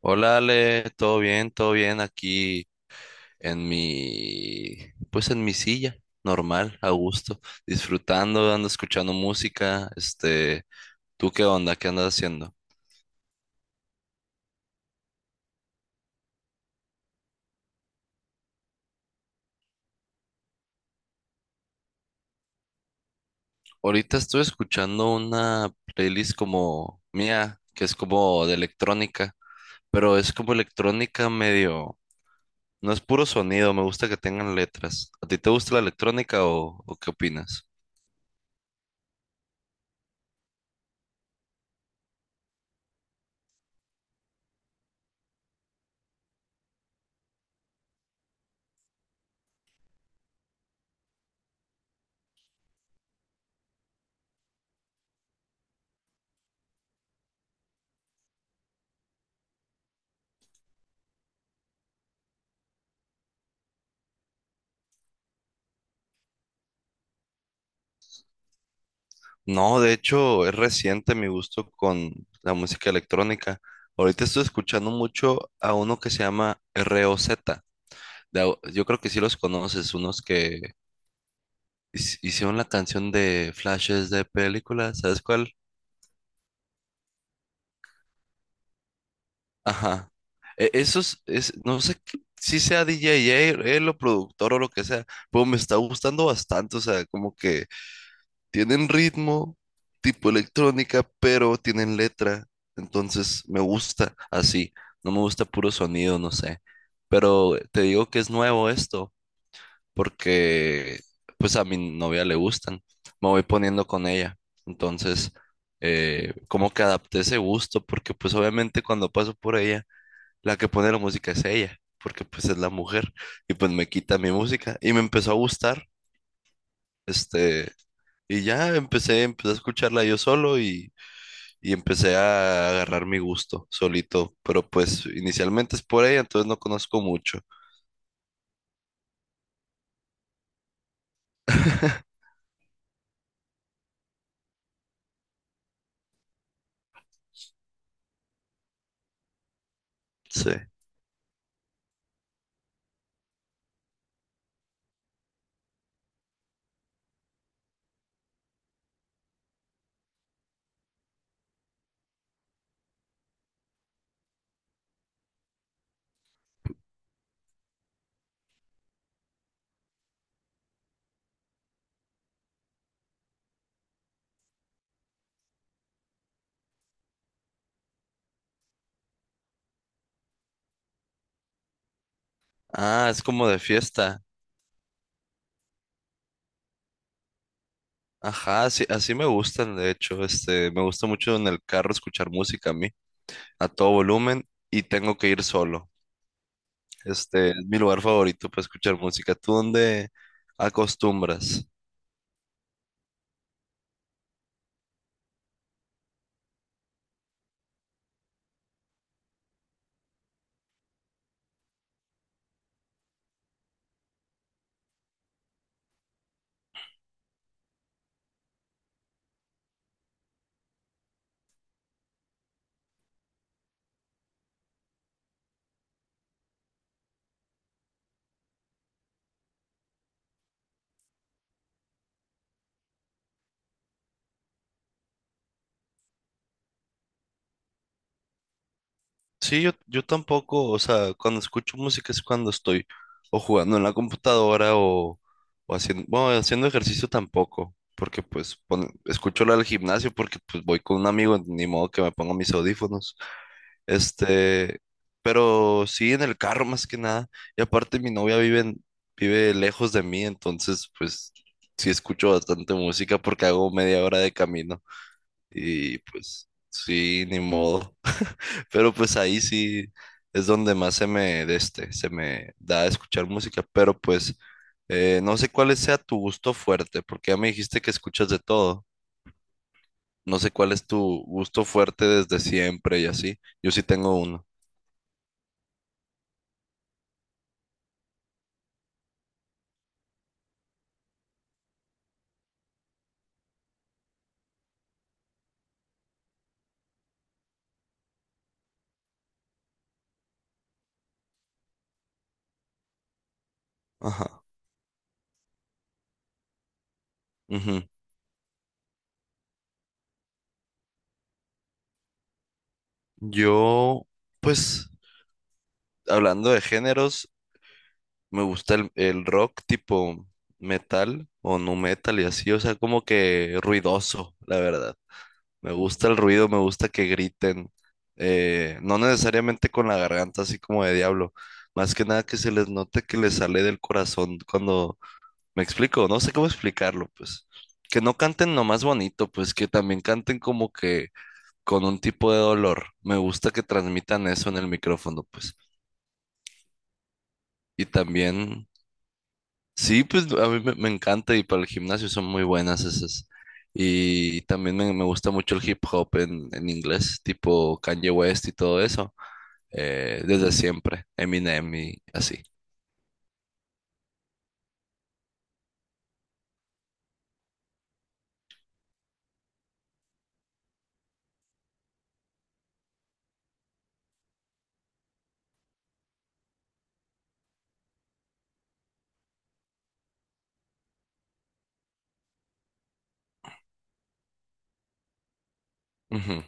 Hola Ale, todo bien aquí en pues en mi silla, normal, a gusto, disfrutando, ando escuchando música, ¿tú qué onda? ¿Qué andas haciendo? Ahorita estoy escuchando una playlist como mía, que es como de electrónica, pero es como electrónica medio, no es puro sonido, me gusta que tengan letras. ¿A ti te gusta la electrónica o qué opinas? No, de hecho, es reciente mi gusto con la música electrónica. Ahorita estoy escuchando mucho a uno que se llama ROZ. Yo creo que sí los conoces, unos que hicieron la canción de flashes de películas, ¿sabes cuál? Ajá. No sé si sea DJ, él o productor o lo que sea, pero me está gustando bastante, o sea, como que tienen ritmo, tipo electrónica, pero tienen letra. Entonces me gusta así. No me gusta puro sonido, no sé. Pero te digo que es nuevo esto, porque pues a mi novia le gustan. Me voy poniendo con ella. Entonces, como que adapté ese gusto, porque pues obviamente cuando paso por ella, la que pone la música es ella, porque pues es la mujer. Y pues me quita mi música. Y me empezó a gustar. Este, y ya empecé a escucharla yo solo, y empecé a agarrar mi gusto solito. Pero pues inicialmente es por ella, entonces no conozco mucho. Sí. Ah, es como de fiesta. Ajá, sí, así me gustan, de hecho. Me gusta mucho en el carro escuchar música a mí, a todo volumen, y tengo que ir solo. Es mi lugar favorito para escuchar música. ¿Tú dónde acostumbras? Sí, yo tampoco, o sea, cuando escucho música es cuando estoy o jugando en la computadora o haciendo, bueno, haciendo ejercicio tampoco, porque pues escucho la del gimnasio porque pues voy con un amigo, ni modo que me ponga mis audífonos. Este, pero sí en el carro más que nada. Y aparte mi novia vive lejos de mí, entonces pues sí escucho bastante música porque hago media hora de camino y pues sí, ni modo. Pero pues ahí sí es donde más se me da escuchar música, pero pues no sé cuál sea tu gusto fuerte, porque ya me dijiste que escuchas de todo. No sé cuál es tu gusto fuerte desde siempre y así. Yo sí tengo uno. Ajá. Ujú. Yo, pues, hablando de géneros, me gusta el rock tipo metal o nu metal y así, o sea, como que ruidoso, la verdad. Me gusta el ruido, me gusta que griten. No necesariamente con la garganta así como de diablo. Más que nada que se les note que les sale del corazón cuando me explico. No sé cómo explicarlo, pues. Que no canten nomás bonito, pues que también canten como que con un tipo de dolor. Me gusta que transmitan eso en el micrófono, pues. Y también sí, pues a mí me encanta y para el gimnasio son muy buenas esas. Y también me gusta mucho el hip hop en inglés, tipo Kanye West y todo eso, desde siempre, Eminem y así. Ujú.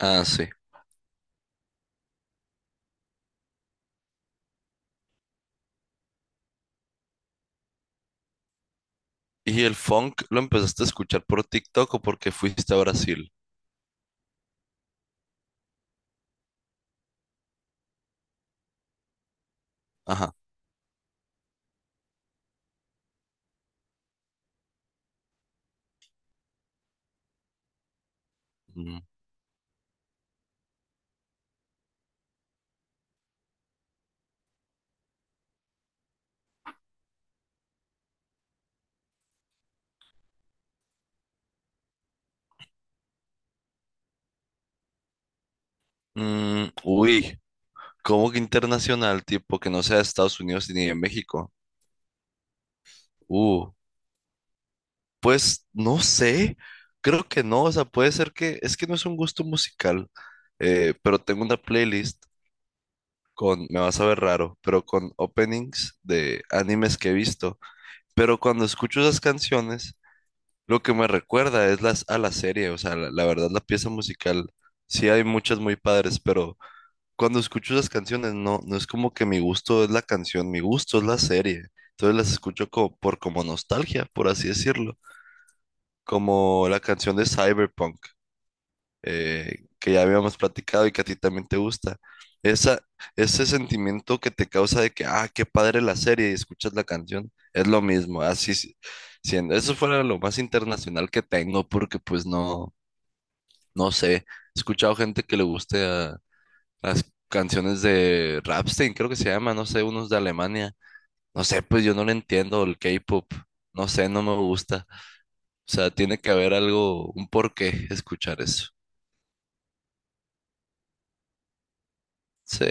Ah, sí. ¿Y el funk lo empezaste a escuchar por TikTok o porque fuiste a Brasil? Ajá. Mm. Mm, uy, ¿cómo que internacional, tipo que no sea de Estados Unidos ni de México? Uh. Pues no sé, creo que no, o sea, puede ser que, es que no es un gusto musical, pero tengo una playlist con, me vas a ver raro, pero con openings de animes que he visto, pero cuando escucho esas canciones, lo que me recuerda es las, a la serie, o sea, la verdad la pieza musical, sí hay muchas muy padres, pero cuando escucho esas canciones, no es como que mi gusto es la canción, mi gusto es la serie, entonces las escucho como, por como nostalgia, por así decirlo como la canción de Cyberpunk, que ya habíamos platicado y que a ti también te gusta. Esa, Ese sentimiento que te causa de que, ah, qué padre la serie y escuchas la canción, es lo mismo, así siendo. Eso fuera lo más internacional que tengo, porque pues no, no sé, he escuchado gente que le guste a las canciones de Rammstein, creo que se llama, no sé, unos de Alemania. No sé, pues yo no le entiendo el K-pop, no sé, no me gusta. O sea, tiene que haber algo, un porqué escuchar eso. Sí,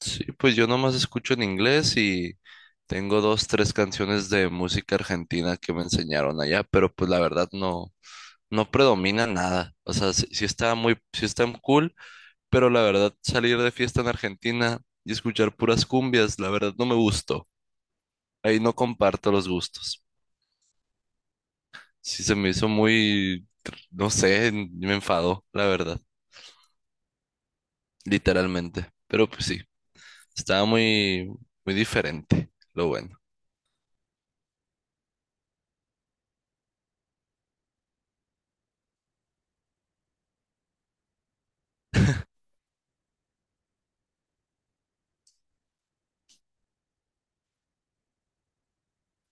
sí, pues yo nomás escucho en inglés y tengo dos, tres canciones de música argentina que me enseñaron allá, pero pues la verdad no, no predomina nada. O sea, sí, sí está muy, sí está cool, pero la verdad salir de fiesta en Argentina y escuchar puras cumbias, la verdad no me gustó. Ahí no comparto los gustos. Sí se me hizo muy, no sé, me enfadó, la verdad, literalmente. Pero pues sí. Estaba muy, muy diferente, lo bueno.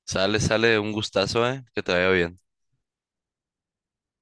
Sale, sale, un gustazo, que te vaya bien.